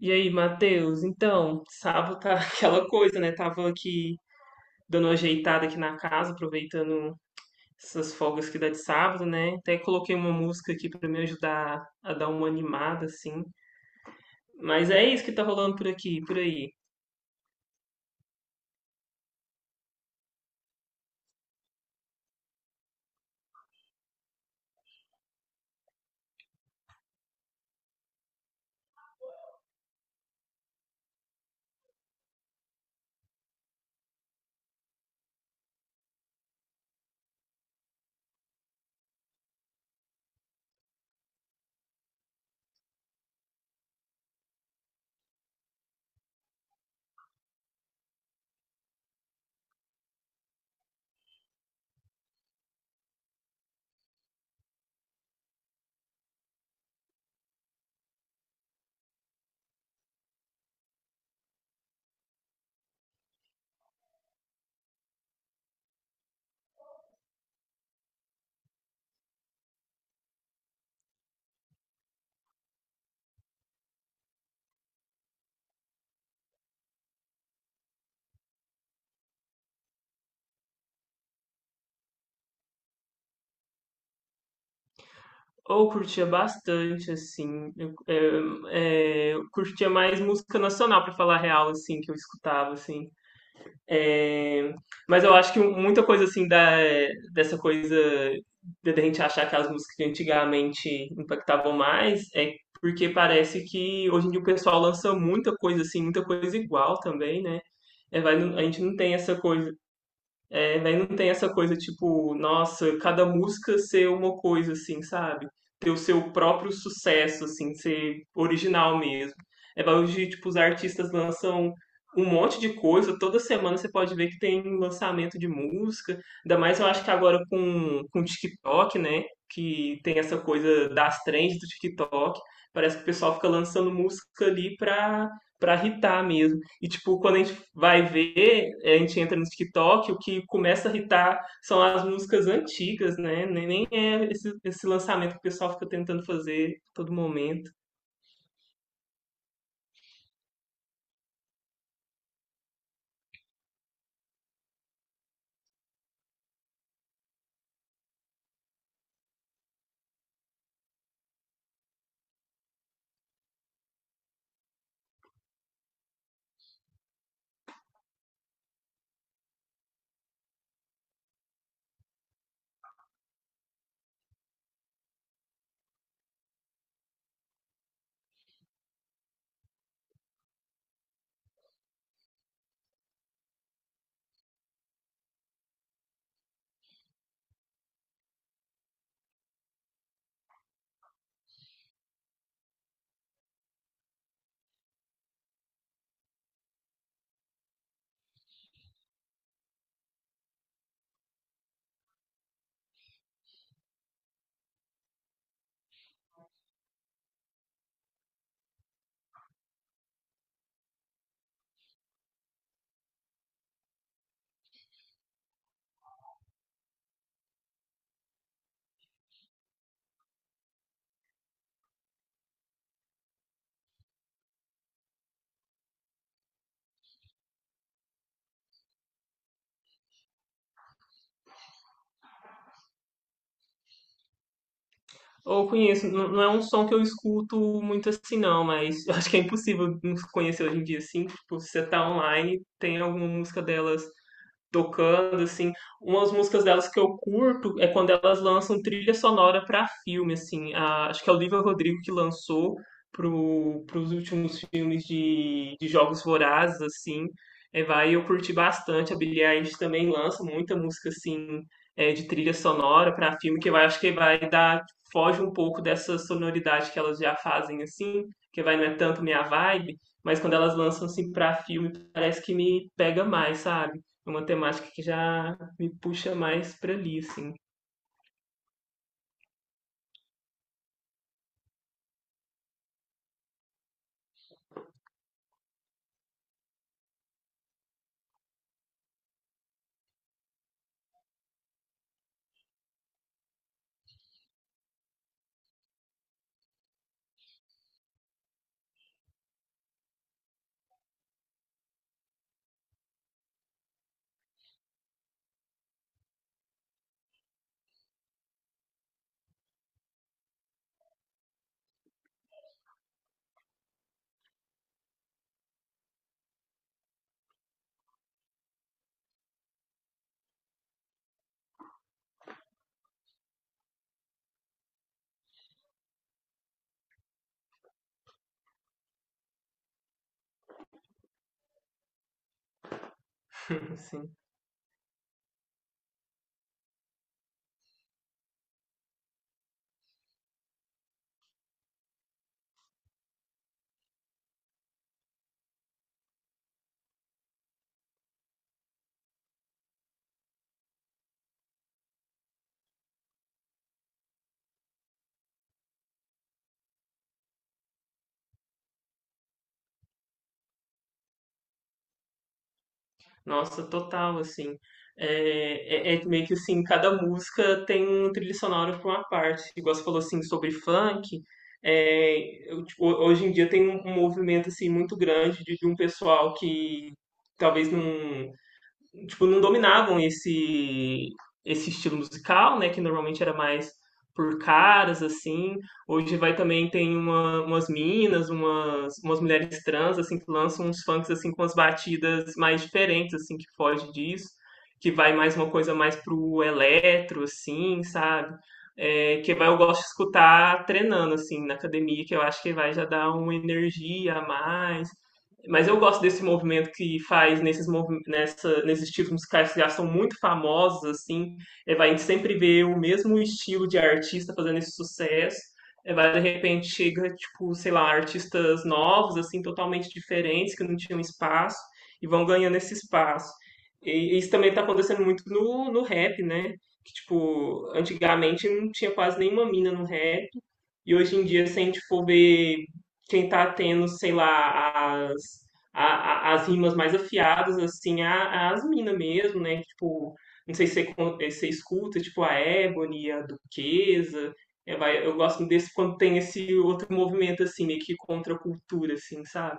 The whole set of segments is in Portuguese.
E aí, Matheus? Então, sábado tá aquela coisa, né? Tava aqui dando uma ajeitada aqui na casa, aproveitando essas folgas que dá de sábado, né? Até coloquei uma música aqui pra me ajudar a dar uma animada, assim. Mas é isso que tá rolando por aqui, por aí. Ou curtia bastante, assim. Eu, eu curtia mais música nacional, pra falar a real, assim, que eu escutava, assim. É, mas eu acho que muita coisa assim dessa coisa de a gente achar que as músicas de antigamente impactavam mais é porque parece que hoje em dia o pessoal lança muita coisa assim, muita coisa igual também, né? É, a gente não tem essa coisa, daí não tem essa coisa tipo, nossa, cada música ser uma coisa assim, sabe? Ter o seu próprio sucesso, assim, ser original mesmo. É bagulho de, tipo, os artistas lançam um monte de coisa, toda semana você pode ver que tem lançamento de música, ainda mais eu acho que agora com o TikTok, né? Que tem essa coisa das trends do TikTok, parece que o pessoal fica lançando música ali pra hitar mesmo. E, tipo, quando a gente vai ver, é, a gente entra no TikTok, o que começa a hitar são as músicas antigas, né? Nem é esse lançamento que o pessoal fica tentando fazer a todo momento. Ou conheço, não é um som que eu escuto muito assim, não, mas eu acho que é impossível não conhecer hoje em dia, assim. Tipo, se você tá online, tem alguma música delas tocando, assim. Umas músicas delas que eu curto é quando elas lançam trilha sonora para filme, assim. Acho que é o Olivia Rodrigo que lançou pros últimos filmes de Jogos Vorazes, assim. É, vai, eu curti bastante. A Billie Eilish também lança muita música, assim, é, de trilha sonora para filme, que eu acho que vai dar, foge um pouco dessa sonoridade que elas já fazem, assim, que vai, não é tanto minha vibe, mas quando elas lançam, assim, para filme, parece que me pega mais, sabe? Uma temática que já me puxa mais para ali, assim. assim. Nossa, total, assim. É, é meio que assim, cada música tem um trilho sonoro para uma parte. Igual você falou assim sobre funk. É, eu, tipo, hoje em dia tem um movimento assim muito grande de um pessoal que talvez não tipo, não dominavam esse estilo musical, né? Que normalmente era mais por caras, assim. Hoje vai também tem umas minas, umas mulheres trans, assim, que lançam uns funks, assim, com as batidas mais diferentes, assim, que foge disso. Que vai mais uma coisa mais pro eletro, assim, sabe? É, que vai, eu gosto de escutar treinando, assim, na academia, que eu acho que vai já dar uma energia a mais. Mas eu gosto desse movimento que faz nesses, nessa, nesses tipos musicais que já são muito famosos, assim. É, vai, a gente sempre vê o mesmo estilo de artista fazendo esse sucesso. É, vai, de repente chega, tipo, sei lá, artistas novos, assim, totalmente diferentes, que não tinham espaço, e vão ganhando esse espaço. E isso também está acontecendo muito no rap, né? Que, tipo, antigamente não tinha quase nenhuma mina no rap. E hoje em dia, se a gente for ver quem tá tendo, sei lá, as rimas mais afiadas, assim, as minas mesmo, né? Tipo, não sei se você, você escuta, tipo, a Ebony, a Duquesa. É, eu gosto desse quando tem esse outro movimento, assim, meio que contra a cultura, assim, sabe?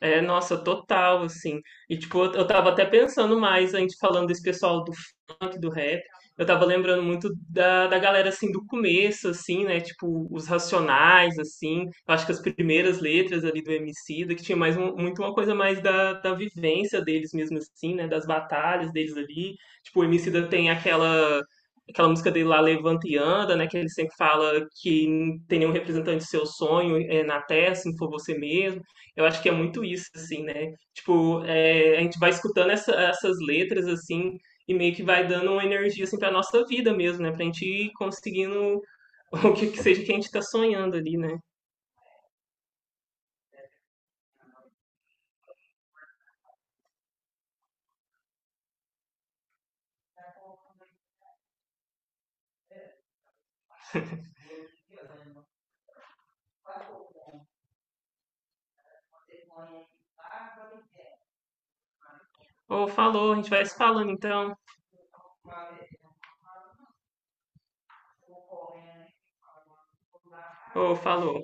É, nossa, total, assim. E, tipo, eu tava até pensando mais, a gente falando desse pessoal funk, do rap. Eu tava lembrando muito da galera, assim, do começo, assim, né? Tipo, os Racionais, assim. Eu acho que as primeiras letras ali do Emicida, que tinha mais muito uma coisa mais da vivência deles mesmo, assim, né? Das batalhas deles ali. Tipo, o Emicida tem aquela... Aquela música dele lá, Levanta e Anda, né? Que ele sempre fala que não tem nenhum representante do seu sonho é, na Terra, se não for você mesmo. Eu acho que é muito isso, assim, né? Tipo, é, a gente vai escutando essas letras, assim, e meio que vai dando uma energia assim para a nossa vida mesmo, né? Para a gente ir conseguindo o que que seja que a gente está sonhando ali, né? Ô, falou, a gente vai se falando então. Ô, falou.